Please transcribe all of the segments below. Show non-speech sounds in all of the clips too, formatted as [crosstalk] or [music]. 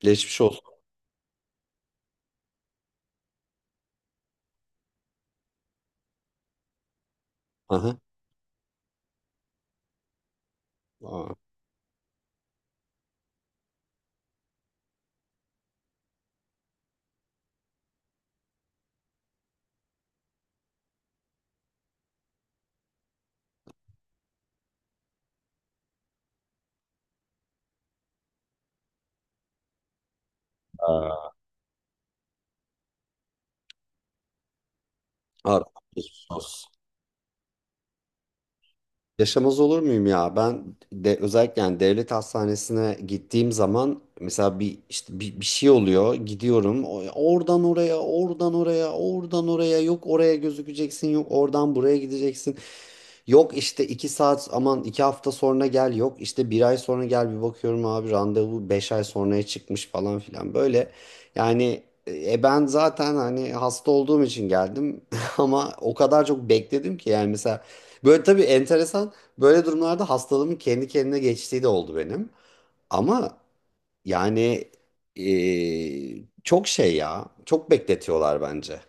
Geçmiş olsun. Aha. Aa. Aa, Abi, geçmiş olsun. Yaşamaz olur muyum ya? Ben de özellikle yani devlet hastanesine gittiğim zaman mesela bir işte bir şey oluyor. Gidiyorum oradan oraya, oradan oraya, oradan oraya. Yok oraya gözükeceksin, yok oradan buraya gideceksin. Yok işte iki saat aman iki hafta sonra gel yok işte bir ay sonra gel bir bakıyorum abi randevu beş ay sonraya çıkmış falan filan böyle yani ben zaten hani hasta olduğum için geldim [laughs] ama o kadar çok bekledim ki yani mesela böyle tabii enteresan böyle durumlarda hastalığımın kendi kendine geçtiği de oldu benim ama yani çok şey ya çok bekletiyorlar bence.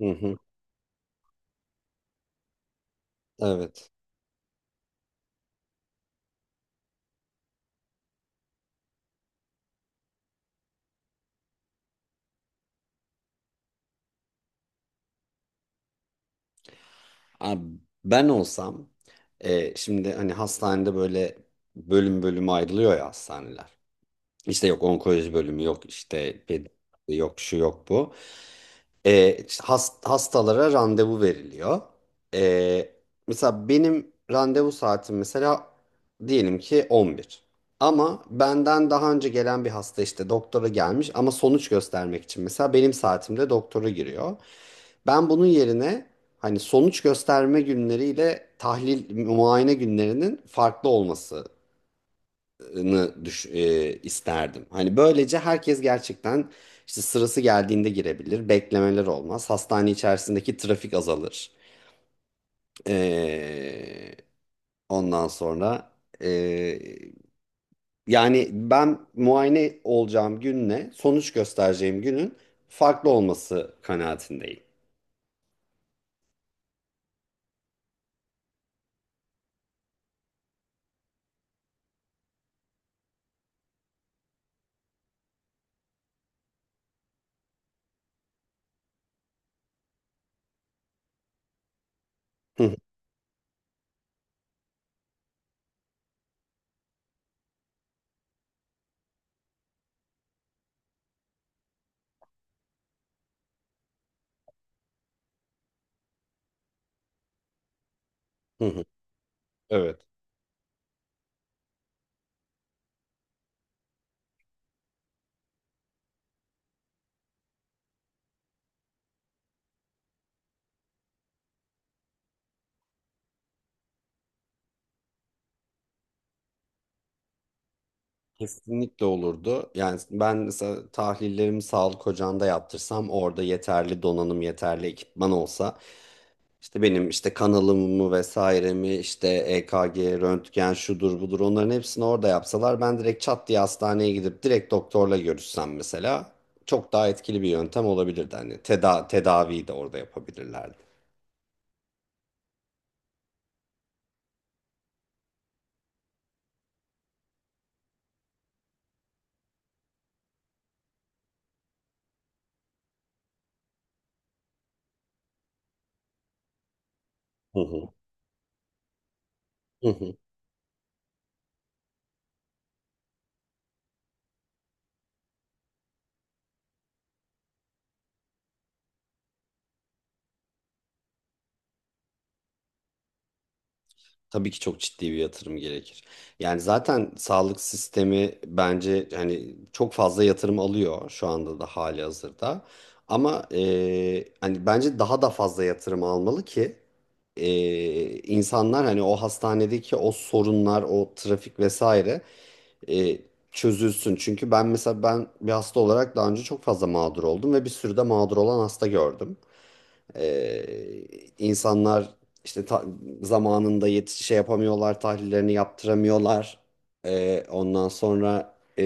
Hı hı, evet. Abi ben olsam şimdi hani hastanede böyle bölüm bölüm ayrılıyor ya hastaneler. İşte yok onkoloji bölümü yok işte pediatri yok şu yok bu. İşte hastalara randevu veriliyor. E, mesela benim randevu saatim mesela diyelim ki 11. Ama benden daha önce gelen bir hasta işte doktora gelmiş ama sonuç göstermek için mesela benim saatimde doktora giriyor. Ben bunun yerine hani sonuç gösterme günleriyle tahlil muayene günlerinin farklı olması isterdim. Hani böylece herkes gerçekten işte sırası geldiğinde girebilir, beklemeler olmaz, hastane içerisindeki trafik azalır. Ee, ondan sonra ee, yani ben muayene olacağım günle sonuç göstereceğim günün farklı olması kanaatindeyim. Hı hı, hı hı. Evet. Kesinlikle olurdu. Yani ben mesela tahlillerimi sağlık ocağında yaptırsam orada yeterli donanım, yeterli ekipman olsa. İşte benim işte kanalımı vesairemi işte EKG, röntgen şudur budur onların hepsini orada yapsalar ben direkt çat diye hastaneye gidip direkt doktorla görüşsem mesela çok daha etkili bir yöntem olabilirdi. Hani tedaviyi de orada yapabilirlerdi. Hı hı. Hı hı. Tabii ki çok ciddi bir yatırım gerekir. Yani zaten sağlık sistemi bence hani çok fazla yatırım alıyor şu anda da hali hazırda. Ama hani bence daha da fazla yatırım almalı ki insanlar hani o hastanedeki o sorunlar, o trafik vesaire e, çözülsün. Çünkü ben mesela ben bir hasta olarak daha önce çok fazla mağdur oldum ve bir sürü de mağdur olan hasta gördüm. Ee, insanlar işte zamanında şey yapamıyorlar, tahlillerini yaptıramıyorlar. Ondan sonra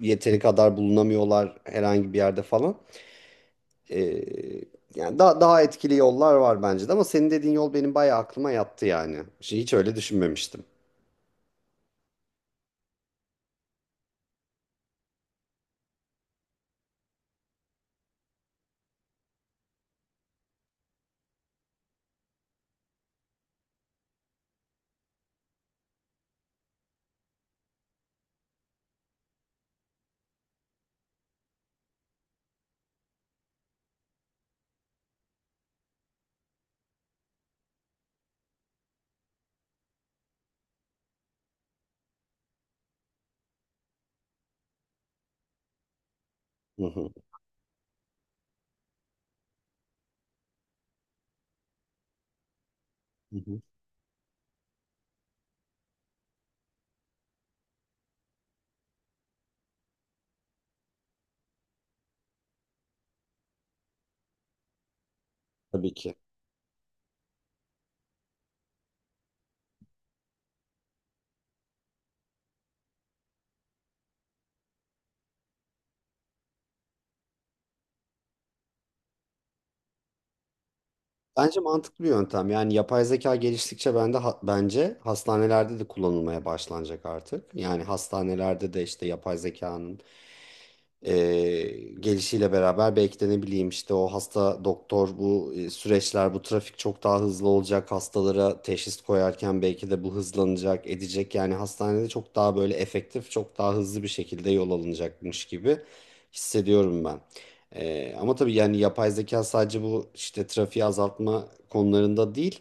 yeteri kadar bulunamıyorlar herhangi bir yerde falan. Ee, yani daha daha etkili yollar var bence de ama senin dediğin yol benim bayağı aklıma yattı yani. Şey, hiç öyle düşünmemiştim. Hı hı, hı hı. Tabii ki. Bence mantıklı bir yöntem. Yani yapay zeka geliştikçe ben de bence hastanelerde de kullanılmaya başlanacak artık. Yani hastanelerde de işte yapay zekanın e, gelişiyle beraber belki de ne bileyim işte o hasta doktor bu süreçler bu trafik çok daha hızlı olacak hastalara teşhis koyarken belki de bu hızlanacak edecek yani hastanede çok daha böyle efektif çok daha hızlı bir şekilde yol alınacakmış gibi hissediyorum ben. Ama tabii yani yapay zeka sadece bu işte trafiği azaltma konularında değil.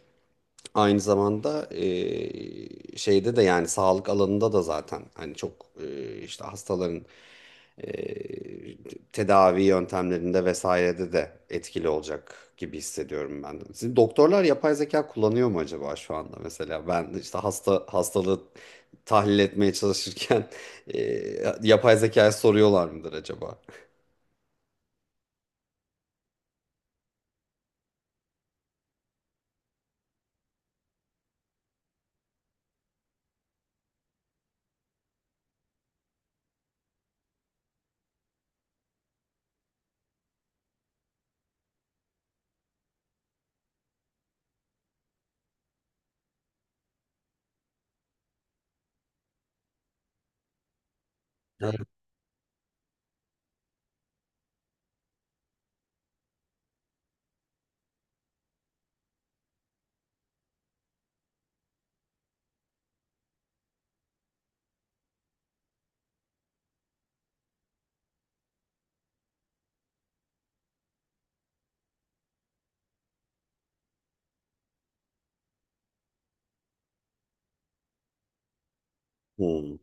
Aynı zamanda şeyde de yani sağlık alanında da zaten hani çok işte hastaların eee, tedavi yöntemlerinde vesairede de etkili olacak gibi hissediyorum ben de. Sizin doktorlar yapay zeka kullanıyor mu acaba şu anda mesela? Ben işte hasta hastalığı tahlil etmeye çalışırken [laughs] yapay zekaya soruyorlar mıdır acaba? Evet. Hmm.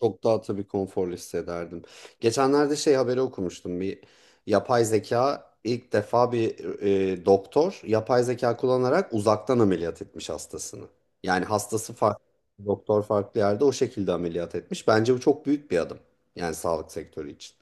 Çok daha tabii konforlu hissederdim. Geçenlerde şey haberi okumuştum. Bir yapay zeka ilk defa bir doktor yapay zeka kullanarak uzaktan ameliyat etmiş hastasını. Yani hastası farklı, doktor farklı yerde o şekilde ameliyat etmiş. Bence bu çok büyük bir adım. Yani sağlık sektörü için.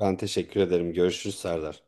Ben teşekkür ederim. Görüşürüz Serdar.